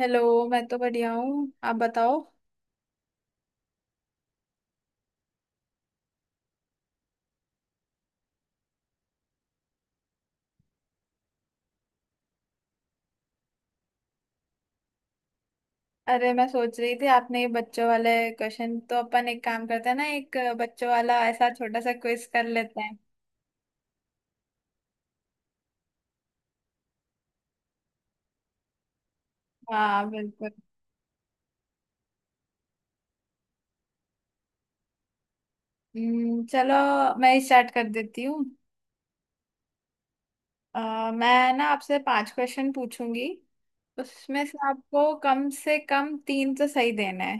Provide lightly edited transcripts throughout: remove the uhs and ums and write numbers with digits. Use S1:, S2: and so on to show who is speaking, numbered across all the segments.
S1: Hello. मैं तो बढ़िया हूँ, आप बताओ। अरे, मैं सोच रही थी आपने ये बच्चों वाले क्वेश्चन, तो अपन एक काम करते हैं ना, एक बच्चों वाला ऐसा छोटा सा क्विज कर लेते हैं। हाँ, बिल्कुल। चलो, मैं स्टार्ट कर देती हूँ। मैं ना आपसे पांच क्वेश्चन पूछूंगी। उसमें से आपको कम से कम तीन तो सही देना है।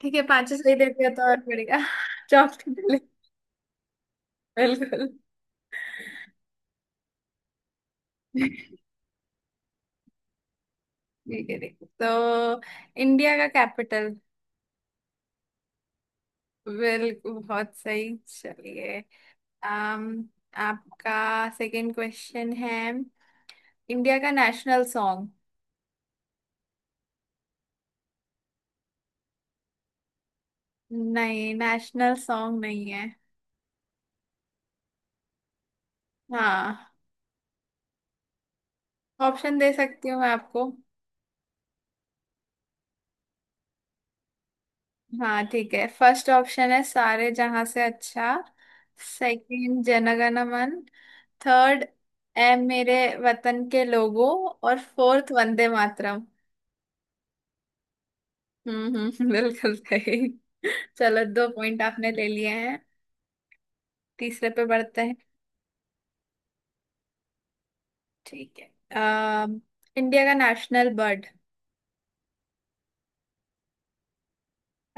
S1: ठीक है, पांचों सही देते हैं तो और बढ़िया। चौक बिल्कुल। ठीक है ठीक है। तो इंडिया का कैपिटल। बिल्कुल, बहुत सही, चलिए। um, आपका सेकंड क्वेश्चन है, इंडिया का नेशनल सॉन्ग। नहीं, नेशनल सॉन्ग नहीं है। हाँ, ऑप्शन दे सकती हूँ मैं आपको। हाँ ठीक है, फर्स्ट ऑप्शन है सारे जहां से अच्छा, सेकंड जनगण मन, थर्ड ए मेरे वतन के लोगों, और फोर्थ वंदे मातरम। हम्म, हम्म, बिल्कुल सही। चलो, दो पॉइंट आपने ले लिए हैं, तीसरे पे बढ़ते हैं। ठीक है। अम, इंडिया का नेशनल बर्ड।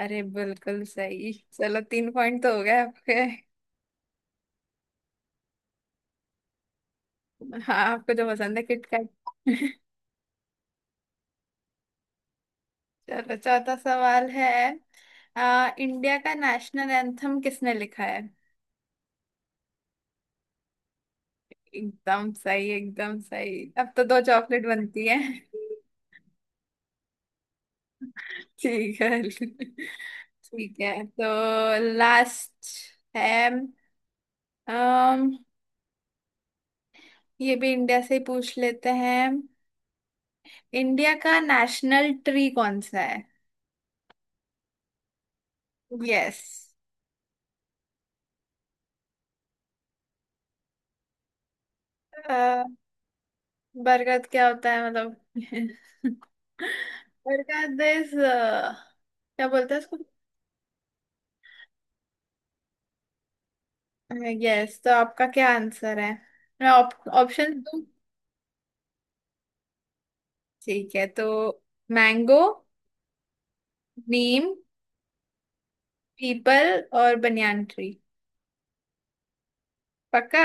S1: अरे बिल्कुल सही। चलो, तीन पॉइंट तो हो गए आपके। हाँ, आपको जो पसंद है किटकैट। चलो, चौथा सवाल है। इंडिया का नेशनल एंथम किसने लिखा है। एकदम सही, एकदम सही, अब तो दो चॉकलेट बनती है। ठीक है ठीक है। तो लास्ट है। अम ये भी इंडिया से ही पूछ लेते हैं। इंडिया का नेशनल ट्री कौन सा है। यस। बरगद क्या होता है मतलब। बरगद इज, क्या बोलते हैं उसको। यस, तो आपका क्या आंसर है। मैं ऑप्शन दूं। ठीक है, तो मैंगो, नीम, पीपल और बनियान ट्री। पक्का।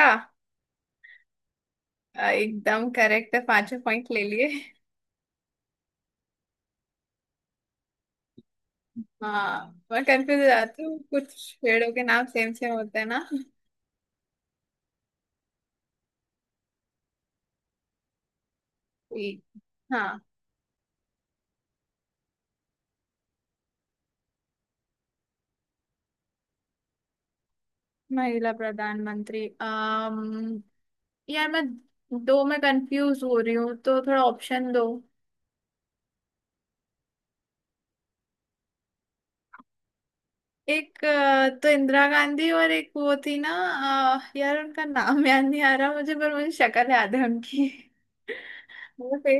S1: एकदम करेक्ट है, पांचों पॉइंट ले लिए। हाँ, मैं कंफ्यूज हो जाती हूँ, कुछ पेड़ों के नाम सेम सेम होते हैं ना। ठीक। हाँ। महिला प्रधानमंत्री। यार मैं दो में कंफ्यूज हो रही हूँ, तो थोड़ा ऑप्शन दो। एक तो इंदिरा गांधी, और एक वो थी ना। यार, उनका नाम याद नहीं आ रहा मुझे, पर मुझे शक्ल याद है उनकी। वो थे।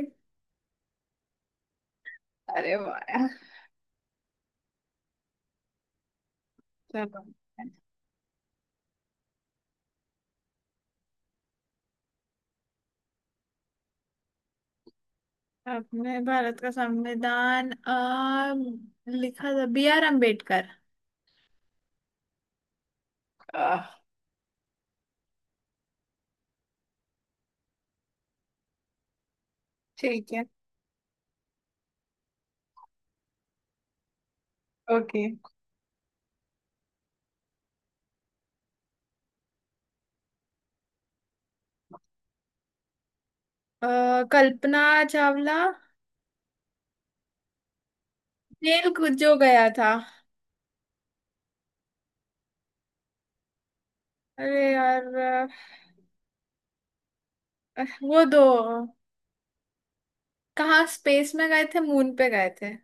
S1: अरे वाह यार। चलो। अपने भारत का संविधान लिखा था बी आर अम्बेडकर। आह। ठीक है, ओके। अ, कल्पना चावला। जेल जो गया था। अरे यार। वो दो, कहाँ स्पेस में गए थे, मून पे गए थे।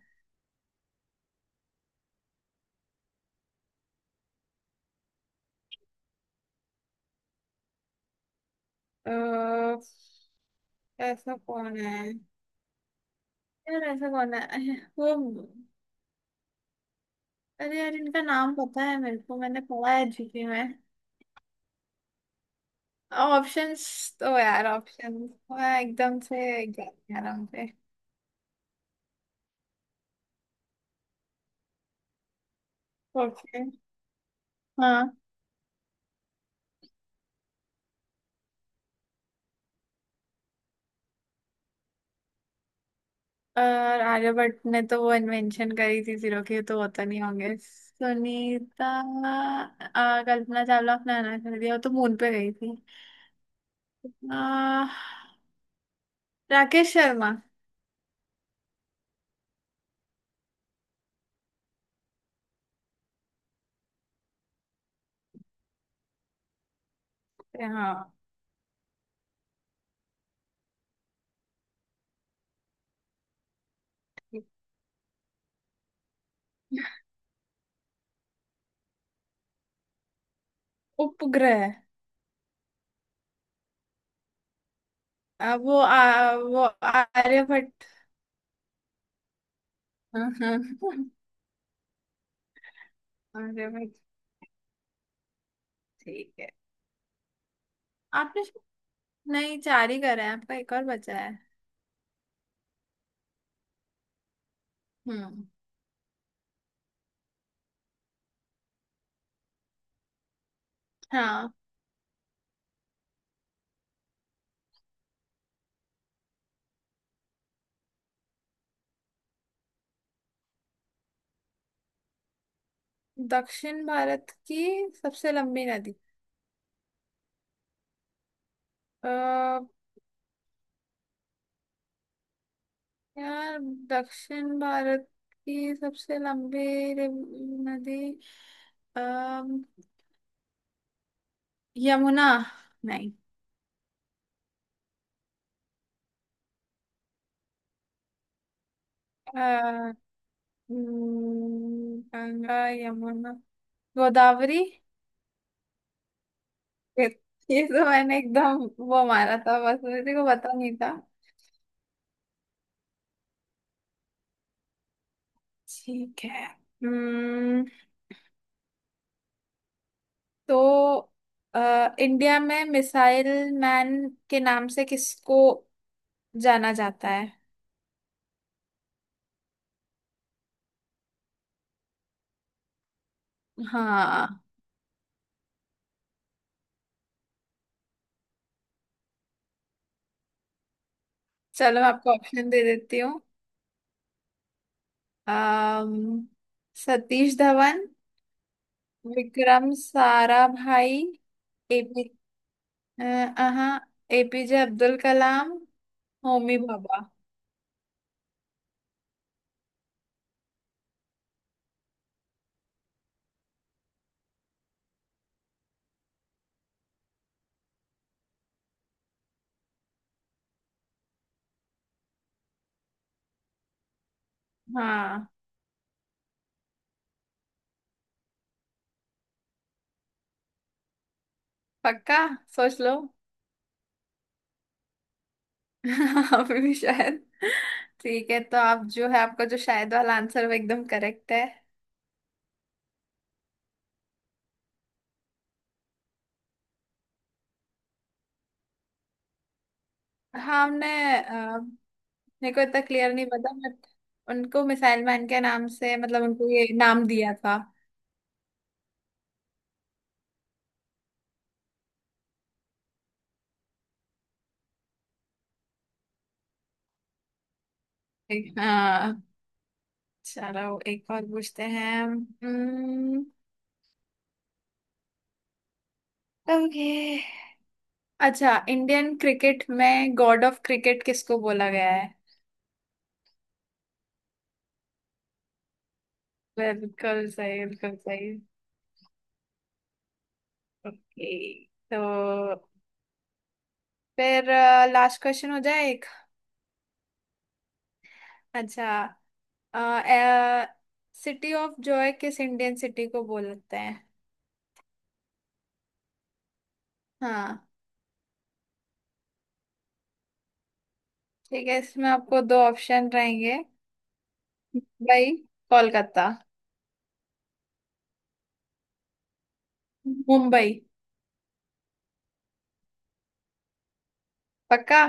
S1: अ, ऐसा कौन है। यार ऐसा कौन है, वो। अरे यार, इनका नाम पता है मेरे को, मैंने पढ़ा है जीके में। ऑप्शंस, तो यार ऑप्शन एकदम से गया यार हमसे। ओके। हाँ। और आर्यभट्ट ने तो वो इन्वेंशन करी थी जीरो की, तो होता नहीं, होंगे सुनीता। कल्पना चावला अपना अनाथ कर दिया, वो तो मून पे गई थी। आ, राकेश शर्मा। हाँ। उपग्रह। वो आर्यभट्ट। हाँ, हाँ, हाँ। आर्यभट्ट। ठीक है। आपने शायद-। नहीं, चार ही करा है आपका, एक और बचा है। हम्म। हाँ। दक्षिण भारत की सबसे लंबी नदी। आ, यार, दक्षिण भारत की सबसे लंबी रि- नदी। आ, यमुना? नहीं। गंगा, यमुना, गोदावरी। ये, तो मैंने एकदम वो मारा था, बस मेरे को पता नहीं था। ठीक है। तो इंडिया में मिसाइल मैन के नाम से किसको जाना जाता है। हाँ। चलो, मैं आपको ऑप्शन दे देती हूँ। अम्म, सतीश धवन, विक्रम साराभाई, एपी हाँ, एपीजे अब्दुल कलाम, होमी भाभा। हाँ, पक्का? सोच लो। अभी भी शायद। ठीक है, तो आप जो है, आपका जो शायद वाला आंसर, वो एकदम करेक्ट है। हाँ, हमने। अ, मेरे को इतना क्लियर नहीं पता, बट उनको मिसाइल मैन के नाम से, मतलब उनको ये नाम दिया था। हाँ। चलो, एक और पूछते हैं। ओके। अच्छा, इंडियन क्रिकेट में गॉड ऑफ क्रिकेट किसको बोला गया है। बिल्कुल सही, बिल्कुल सही। ओके, तो फिर लास्ट क्वेश्चन हो जाए एक। अच्छा, सिटी ऑफ जॉय किस इंडियन सिटी को बोलते हैं। हाँ। ठीक है, इसमें आपको दो ऑप्शन रहेंगे। मुंबई, कोलकाता। मुंबई। पक्का।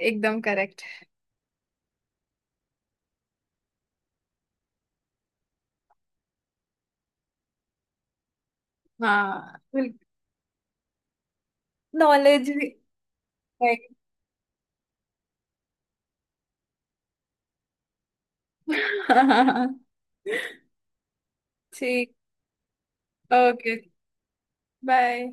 S1: एकदम करेक्ट। हाँ, बिल्कुल। नॉलेज भी है। ठीक। ओके। बाय।